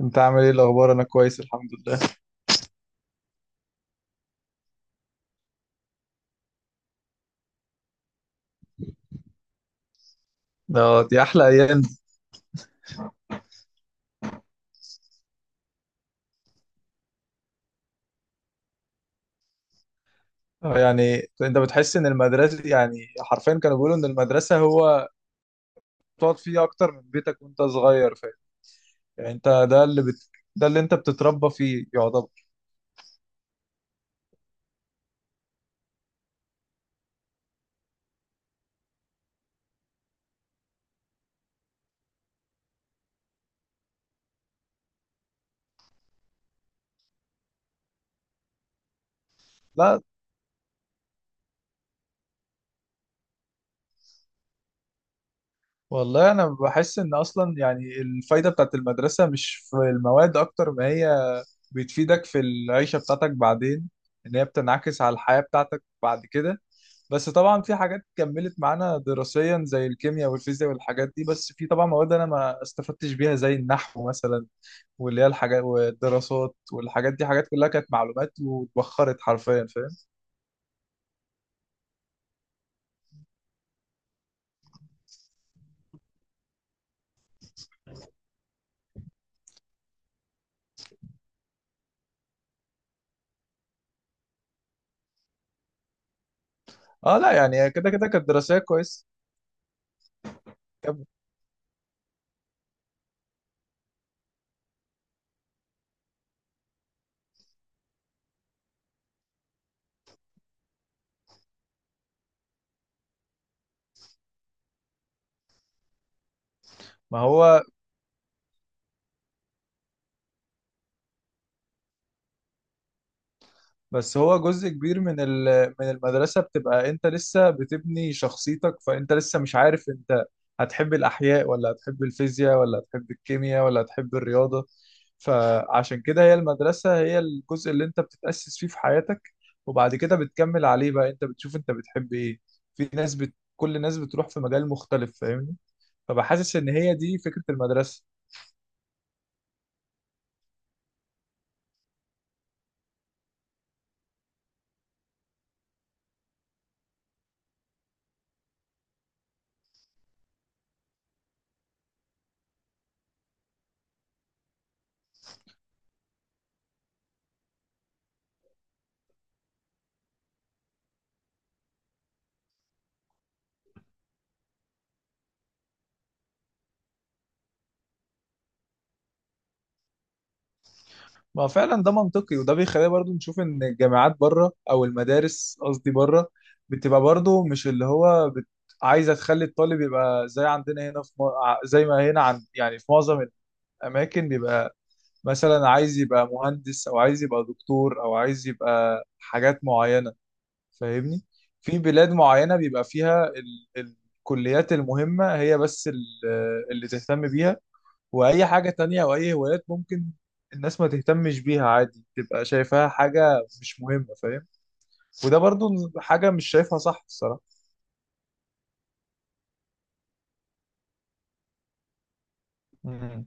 انت عامل ايه الاخبار؟ انا كويس الحمد لله. دي احلى ايام دي. اه، يعني انت بتحس ان المدرسه، يعني حرفيا كانوا بيقولوا ان المدرسه هو تقعد فيه اكتر من بيتك وانت صغير، فاهم؟ يعني انت ده اللي انت بتتربى فيه يعتبر. لا، والله انا بحس ان اصلا يعني الفايده بتاعت المدرسه مش في المواد اكتر ما هي بتفيدك في العيشة بتاعتك بعدين، إن هي بتنعكس على الحياة بتاعتك بعد كده. بس طبعا في حاجات كملت معانا دراسيا زي الكيمياء والفيزياء والحاجات دي، بس في طبعا مواد أنا ما استفدتش بيها زي النحو مثلا، واللي هي الحاجات والدراسات والحاجات دي حاجات كلها كانت معلومات واتبخرت حرفيا، فاهم؟ اه لا، يعني كده كده كانت دراسية كويس. كمل. ما هو، بس هو جزء كبير من من المدرسة، بتبقى انت لسه بتبني شخصيتك، فانت لسه مش عارف انت هتحب الأحياء ولا هتحب الفيزياء ولا هتحب الكيمياء ولا هتحب الرياضة. فعشان كده هي المدرسة هي الجزء اللي انت بتتأسس فيه في حياتك، وبعد كده بتكمل عليه بقى، انت بتشوف انت بتحب ايه. في كل الناس بتروح في مجال مختلف، فاهمني؟ فبحاسس ان هي دي فكرة المدرسة. ما فعلا ده منطقي، وده بيخلينا برضو نشوف ان الجامعات بره او المدارس قصدي بره بتبقى برضو مش عايزه تخلي الطالب يبقى زي عندنا هنا في زي ما هنا يعني في معظم الاماكن بيبقى مثلا عايز يبقى مهندس او عايز يبقى دكتور او عايز يبقى حاجات معينه، فاهمني؟ في بلاد معينه بيبقى فيها ال... الكليات المهمه هي بس اللي تهتم بيها، واي حاجة تانية او اي هوايات ممكن الناس ما تهتمش بيها عادي، تبقى شايفاها حاجة مش مهمة، فاهم؟ وده برضو حاجة مش شايفها صح الصراحة. مم.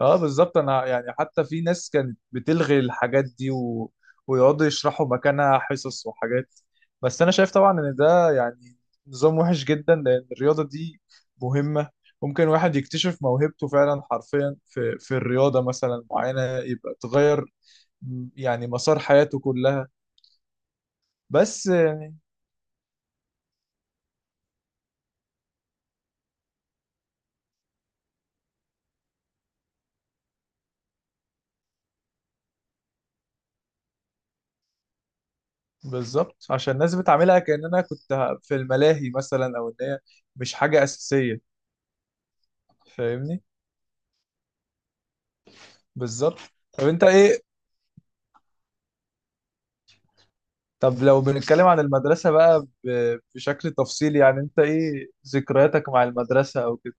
اه بالظبط، انا يعني حتى في ناس كانت بتلغي الحاجات دي ويقعدوا يشرحوا مكانها حصص وحاجات. بس انا شايف طبعا ان ده يعني نظام وحش جدا لان الرياضة دي مهمة، ممكن واحد يكتشف موهبته فعلا حرفيا في الرياضة مثلا معينة، يبقى تغير يعني مسار حياته كلها. بس يعني بالظبط عشان الناس بتعملها كأننا في الملاهي مثلا، او ان هي مش حاجة أساسية، فاهمني؟ بالظبط. طب انت ايه، طب لو بنتكلم عن المدرسة بقى بشكل تفصيلي، يعني انت ايه ذكرياتك مع المدرسة او كده؟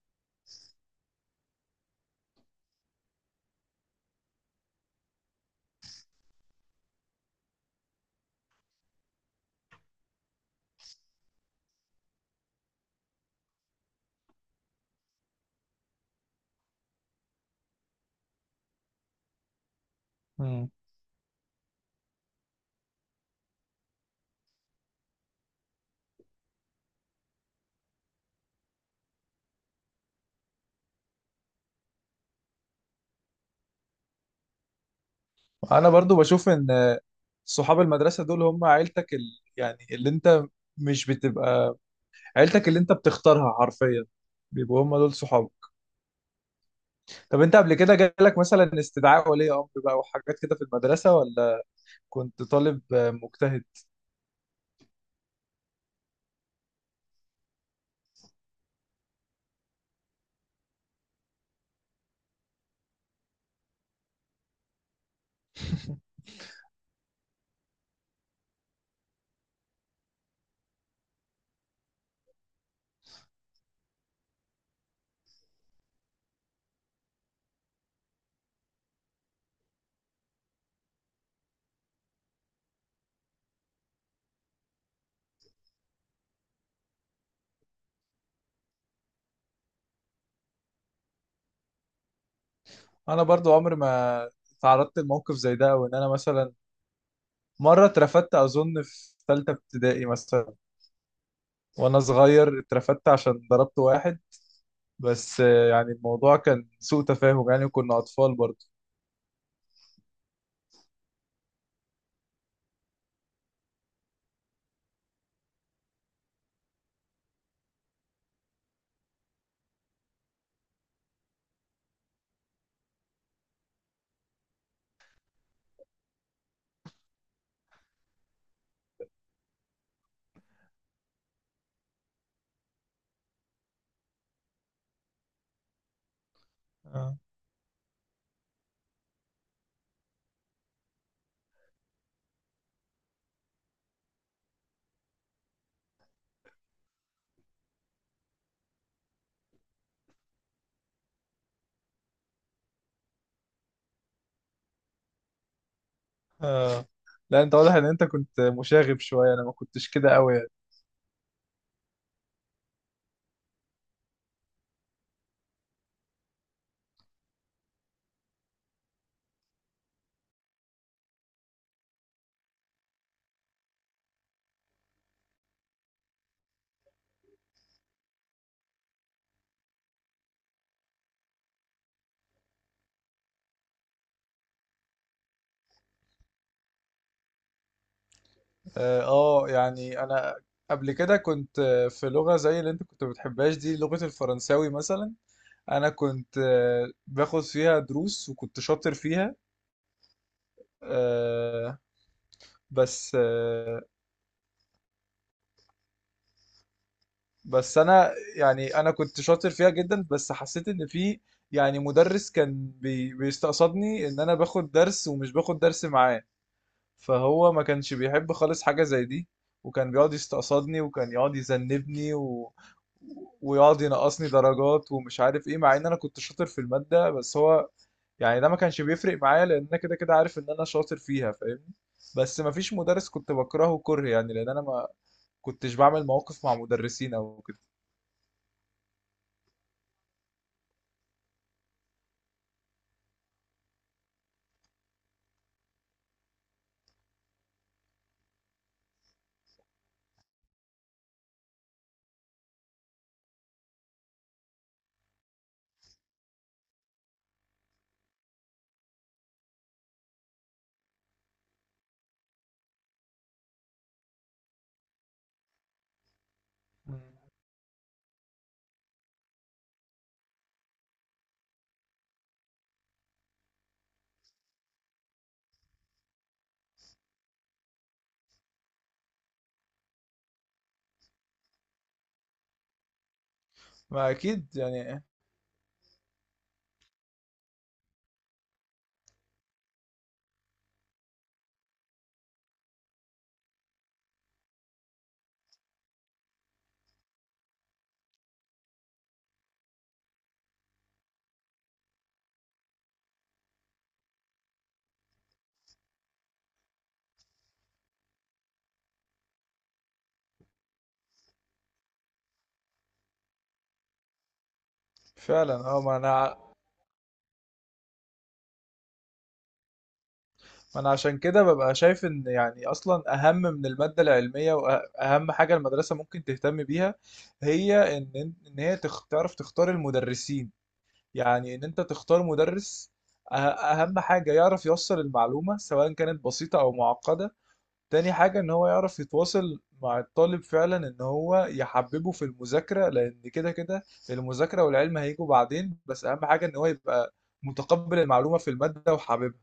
مم. انا برضو بشوف ان صحاب المدرسة دول هم عيلتك. يعني اللي انت مش بتبقى عيلتك اللي انت بتختارها حرفيا، بيبقوا هم دول صحابك. طب انت قبل كده جالك مثلا استدعاء ولي امر بقى وحاجات كده في المدرسة، ولا كنت طالب مجتهد؟ انا برضو عمري ما تعرضت لموقف زي ده، وان انا مثلا مره اترفدت اظن في ثالثه ابتدائي مثلا، وانا صغير اترفدت عشان ضربت واحد، بس يعني الموضوع كان سوء تفاهم يعني، وكنا اطفال برضو. اه آه. لا، انت واضح ان انت كنت مشاغب شويه، انا ما كنتش كده قوي يعني. اه يعني انا قبل كده كنت في لغه زي اللي انت كنت بتحبهاش دي، لغه الفرنساوي مثلا. انا كنت باخد فيها دروس وكنت شاطر فيها، آه، بس آه، بس انا يعني انا كنت شاطر فيها جدا، بس حسيت ان في يعني مدرس كان بيستقصدني، ان انا باخد درس ومش باخد درس معاه، فهو ما كانش بيحب خالص حاجة زي دي، وكان بيقعد يستقصدني وكان يقعد يذنبني ويقعد ينقصني درجات ومش عارف ايه، مع ان انا كنت شاطر في المادة، بس هو يعني ده ما كانش بيفرق معايا لان انا كده كده عارف ان انا شاطر فيها، فاهمني؟ بس ما فيش مدرس كنت بكرهه كره يعني، لان انا ما كنتش بعمل مواقف مع مدرسين او كده. ما اكيد يعني. فعلا اه، ما انا عشان كده ببقى شايف ان يعني اصلا اهم من المادة العلمية واهم حاجة المدرسة ممكن تهتم بيها هي ان هي تعرف تختار المدرسين. يعني ان انت تختار مدرس، أه- اهم حاجة يعرف يوصل المعلومة سواء كانت بسيطة او معقدة. تاني حاجة ان هو يعرف يتواصل مع الطالب فعلا، ان هو يحببه في المذاكرة، لان كده كده المذاكرة والعلم هيجوا بعدين، بس اهم حاجة ان هو يبقى متقبل المعلومة في المادة وحاببها.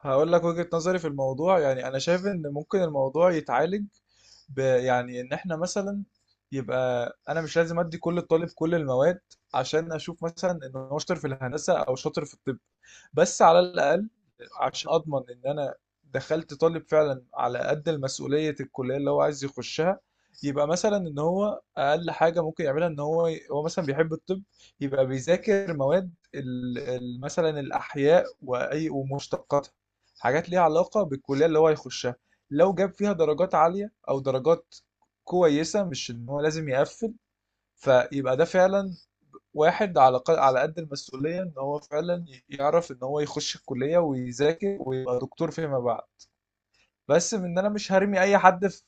هقول لك وجهة نظري في الموضوع، يعني انا شايف ان ممكن الموضوع يتعالج يعني ان احنا مثلا، يبقى انا مش لازم ادي كل طالب كل المواد عشان اشوف مثلا ان هو شاطر في الهندسه او شاطر في الطب، بس على الاقل عشان اضمن ان انا دخلت طالب فعلا على قد المسؤوليه الكليه اللي هو عايز يخشها، يبقى مثلا ان هو اقل حاجه ممكن يعملها ان هو مثلا بيحب الطب، يبقى بيذاكر مواد مثلا الاحياء واي ومشتقاتها، حاجات ليها علاقه بالكليه اللي هو هيخشها. لو جاب فيها درجات عالية أو درجات كويسة، مش إن هو لازم يقفل، فيبقى ده فعلا واحد على على قد المسؤولية، إن هو فعلا يعرف إن هو يخش الكلية ويذاكر ويبقى دكتور فيما بعد، بس من إن أنا مش هرمي أي حد في.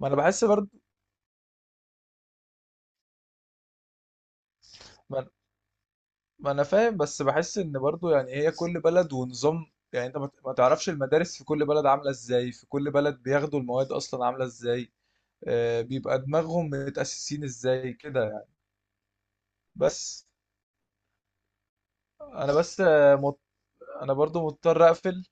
ما أنا بحس برضه، ما أنا ما أنا فاهم، بس بحس إن برضه يعني هي كل بلد ونظام، يعني أنت ما تعرفش المدارس في كل بلد عاملة إزاي، في كل بلد بياخدوا المواد أصلا عاملة إزاي، بيبقى دماغهم متأسسين إزاي كده يعني. بس انا بس آه، مض... انا برضو مضطر اقفل.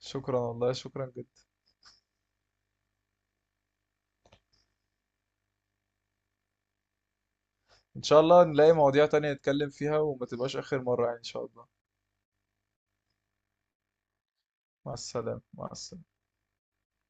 شكرا، والله شكرا جدا. ان شاء الله نلاقي مواضيع تانية نتكلم فيها وما تبقاش اخر مرة يعني ان شاء الله. مع السلامة، مع السلامة.